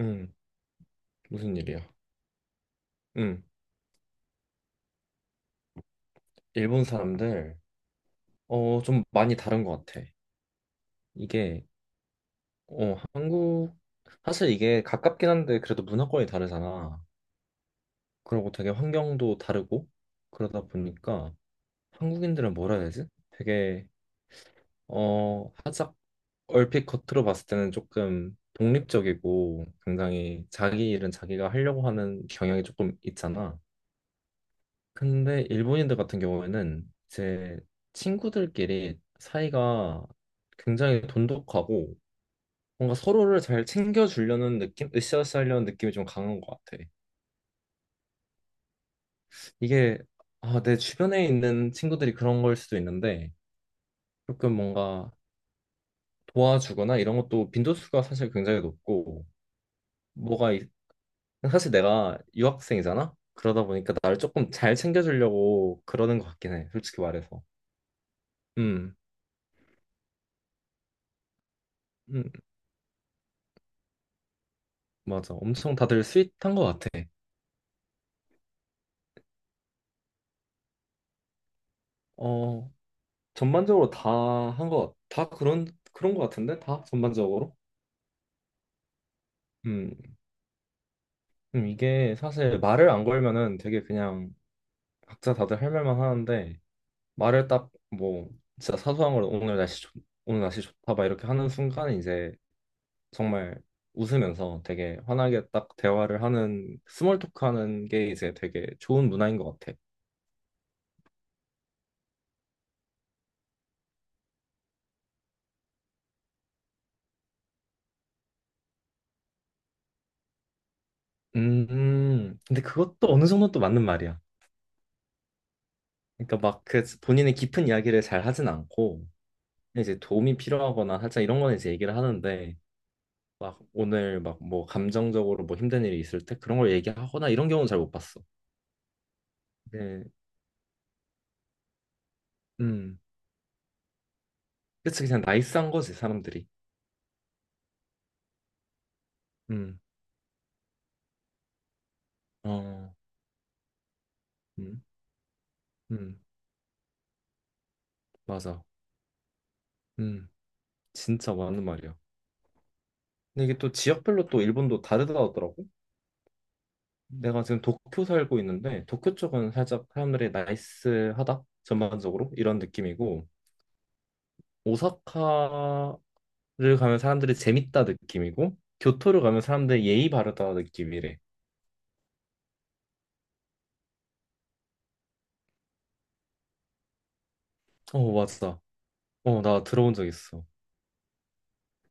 응, 무슨 일이야? 응, 일본 사람들, 좀 많이 다른 것 같아. 이게, 한국, 사실 이게 가깝긴 한데, 그래도 문화권이 다르잖아. 그리고 되게 환경도 다르고, 그러다 보니까 한국인들은 뭐라 해야 되지? 되게, 살짝 얼핏 겉으로 봤을 때는 조금 독립적이고, 굉장히 자기 일은 자기가 하려고 하는 경향이 조금 있잖아. 근데 일본인들 같은 경우에는 이제 친구들끼리 사이가 굉장히 돈독하고 뭔가 서로를 잘 챙겨주려는 느낌, 으쌰으쌰하려는 느낌이 좀 강한 것 같아. 이게 아, 내 주변에 있는 친구들이 그런 걸 수도 있는데 조금 뭔가 도와주거나 이런 것도 빈도수가 사실 굉장히 높고 뭐가 있- 사실 내가 유학생이잖아? 그러다 보니까 나를 조금 잘 챙겨주려고 그러는 것 같긴 해, 솔직히 말해서. 음. 음, 맞아. 엄청 다들 스윗한 것 같아. 어, 전반적으로 다 한 것, 다 그런, 그런 것 같은데? 다? 전반적으로? 음, 이게 사실 말을 안 걸면은 되게 그냥 각자 다들 할 말만 하는데, 말을 딱 뭐, 진짜 사소한 걸 오늘 날씨 좋, 오늘 날씨 좋다, 막 이렇게 하는 순간에 이제 정말 웃으면서 되게 환하게 딱 대화를 하는, 스몰 토크 하는 게 이제 되게 좋은 문화인 것 같아. 근데 그것도 어느 정도 또 맞는 말이야. 그러니까 막 그 본인의 깊은 이야기를 잘 하진 않고 이제 도움이 필요하거나 살짝 이런 거는 이제 얘기를 하는데 막 오늘 막 뭐 감정적으로 뭐 힘든 일이 있을 때 그런 걸 얘기하거나 이런 경우는 잘 못 봤어. 네, 음, 그치 그냥 나이스한 거지 사람들이. 음, 어, 음, 음, 맞아. 음, 진짜 맞는 말이야. 근데 이게 또 지역별로 또 일본도 다르다고 하더라고. 내가 지금 도쿄 살고 있는데 도쿄 쪽은 살짝 사람들이 나이스하다 전반적으로 이런 느낌이고. 오사카 를 가면 사람들이 재밌다 느낌이고 교토를 가면 사람들이 예의 바르다 느낌이래. 어 맞아. 어 나 들어본 적 있어.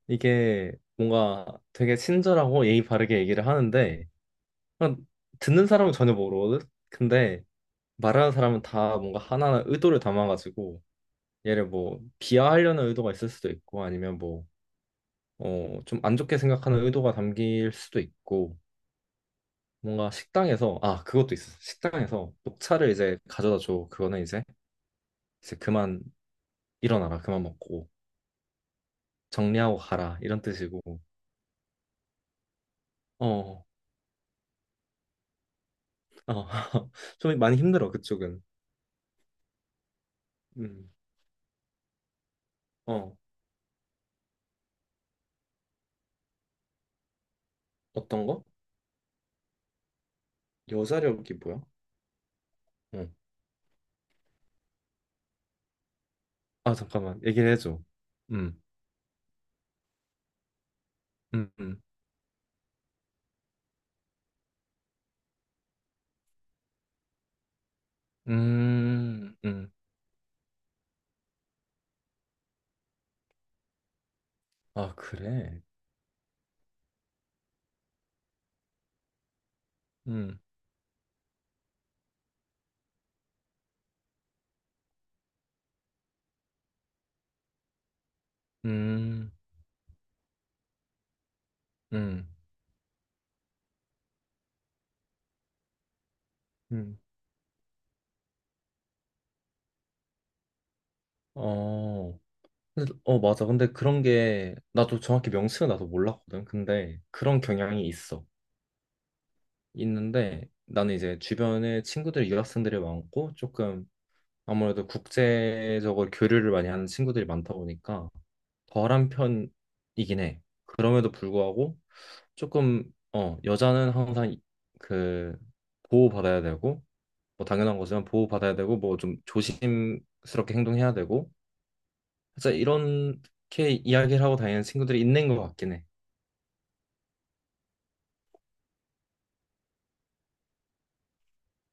이게 뭔가 되게 친절하고 예의 바르게 얘기를 하는데 그냥 듣는 사람은 전혀 모르거든. 근데 말하는 사람은 다 뭔가 하나하나 의도를 담아가지고 얘를 뭐 비하하려는 의도가 있을 수도 있고 아니면 뭐 좀 안 좋게 생각하는 의도가 담길 수도 있고 뭔가 식당에서 아 그것도 있어. 식당에서 녹차를 이제 가져다 줘. 그거는 이제 이제 그만 일어나라 그만 먹고 정리하고 가라 이런 뜻이고 어, 어. 좀 많이 힘들어 그쪽은 음. 어 어떤 거? 여자력이 뭐야? 어. 아 잠깐만 얘기를 해줘 음. 음. 음. 음. 음. 아 그래 음. 음. 음. 음. 어. 어 맞아 근데 그런 게 나도 정확히 명칭은 나도 몰랐거든 근데 그런 경향이 있어 있는데 나는 이제 주변에 친구들 유학생들이 많고 조금 아무래도 국제적으로 교류를 많이 하는 친구들이 많다 보니까 덜한 편이긴 해. 그럼에도 불구하고 조금 여자는 항상 그 보호받아야 되고 뭐 당연한 거지만 보호받아야 되고 뭐 좀 조심스럽게 행동해야 되고 진짜 이렇게 이야기를 하고 다니는 친구들이 있는 것 같긴 해.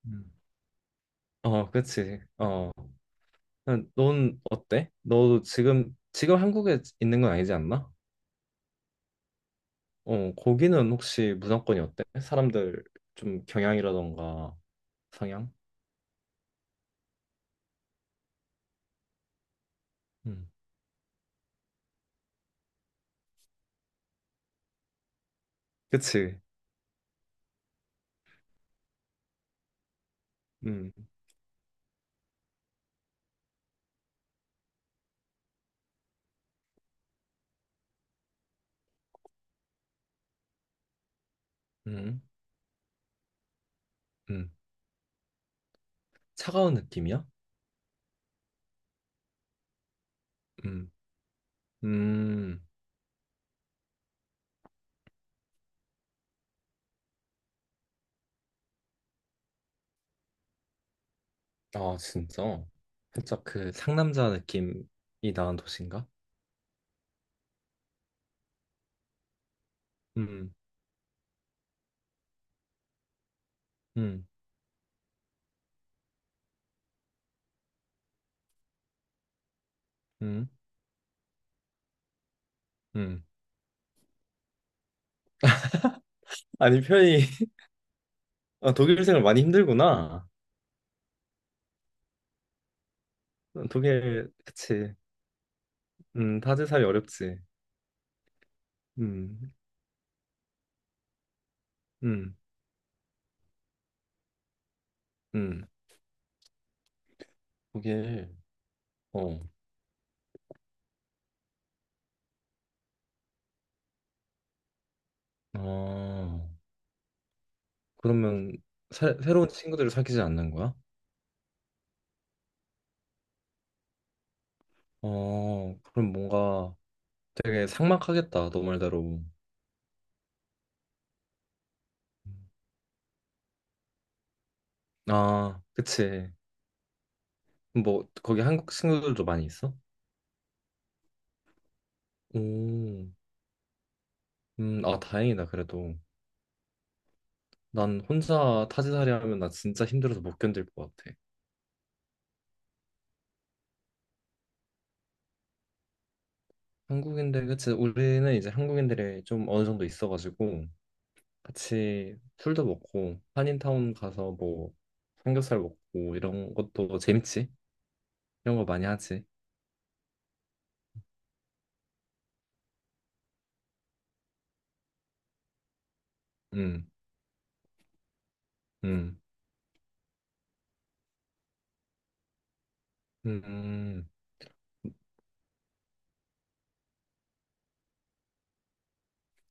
음. 어, 그치. 어, 넌 어때? 너 지금 한국에 있는 건 아니지 않나? 어, 거기는 혹시 문화권이 어때? 사람들 좀 경향이라던가 성향? 음. 그치? 음. 음. 음. 차가운 느낌이야? 음. 음. 아, 진짜? 살짝 그 상남자 느낌이 나는 도시인가? 음. 음. 음. 음. 아니, 편히 아, 독일 생활 많이 힘들구나. 어, 독일 그치? 다들 살이 어렵지. 음. 음. 음. 독일. 어. 아. 그러면 새로운 친구들을 사귀지 않는 거야? 어, 그럼 뭔가 되게 삭막하겠다, 너 말대로. 음. 아, 그치. 뭐, 거기 한국 친구들도 많이 있어? 오, 아, 다행이다, 그래도. 난 혼자 타지살이 하면 나 진짜 힘들어서 못 견딜 것 같아. 한국인들, 그치. 우리는 이제 한국인들이 좀 어느 정도 있어가지고, 같이 술도 먹고, 한인타운 가서 뭐, 삼겹살 먹고, 이런 것도 재밌지? 이런 거 많이 하지. 음. 음, 음,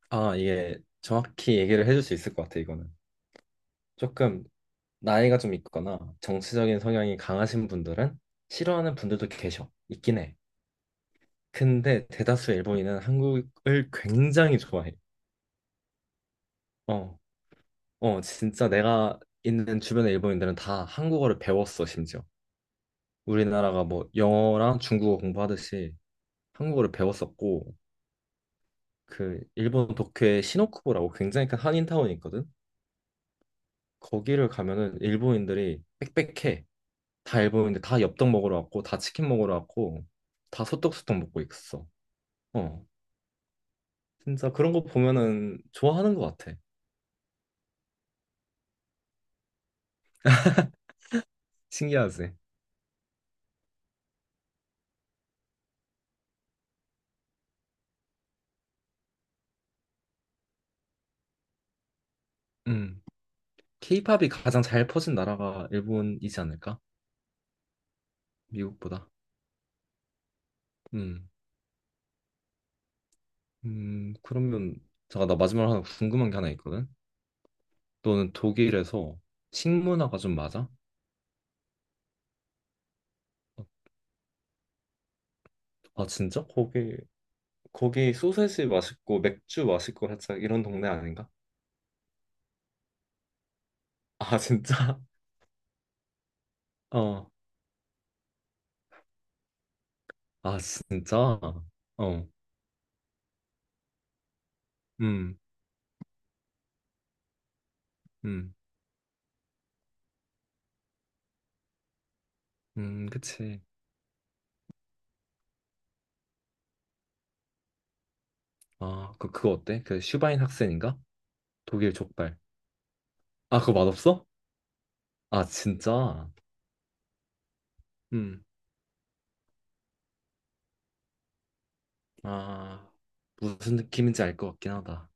아, 이게 정확히 얘기를 해줄 수 있을 것 같아, 이거는. 조금 나이가 좀 있거나 정치적인 성향이 강하신 분들은 싫어하는 분들도 계셔. 있긴 해. 근데 대다수 일본인은 한국을 굉장히 좋아해. 어, 어, 진짜 내가 있는 주변의 일본인들은 다 한국어를 배웠어, 심지어. 우리나라가 뭐 영어랑 중국어 공부하듯이 한국어를 배웠었고, 그 일본 도쿄에 시노쿠보라고 굉장히 큰 한인타운이 있거든. 거기를 가면은 일본인들이 빽빽해. 다 일본인데 다 엽떡 먹으러 왔고 다 치킨 먹으러 왔고 다 소떡소떡 먹고 있어. 어. 진짜 그런 거 보면은 좋아하는 것 같아. 신기하지? 음. 케이팝이 가장 잘 퍼진 나라가 일본이지 않을까? 미국보다. 음. 그러면 잠깐 나 마지막으로 하나 궁금한 게 하나 있거든. 너는 독일에서 식문화가 좀 맞아? 아, 진짜? 거기 소세지 맛있고 맥주 맛있고 살짝 이런 동네 아닌가? 아, 진짜? 어. 아, 진짜? 어. 음, 음, 그치. 아, 그거 어때? 그 슈바인 학생인가? 독일 족발. 아, 그거 맛없어? 아, 진짜? 음. 아, 무슨 느낌인지 알 것 같긴 하다.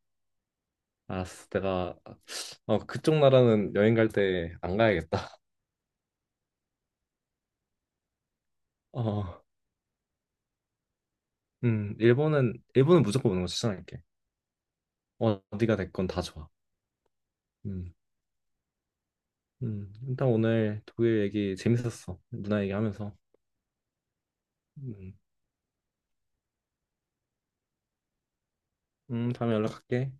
알았어. 내가, 그쪽 나라는 여행 갈 때 안 가야겠다. 어, 일본은 무조건 오는 거 추천할게. 어, 어디가 됐건 다 좋아. 음, 일단 오늘 독일 얘기 재밌었어. 누나 얘기하면서. 음. 다음에 연락할게.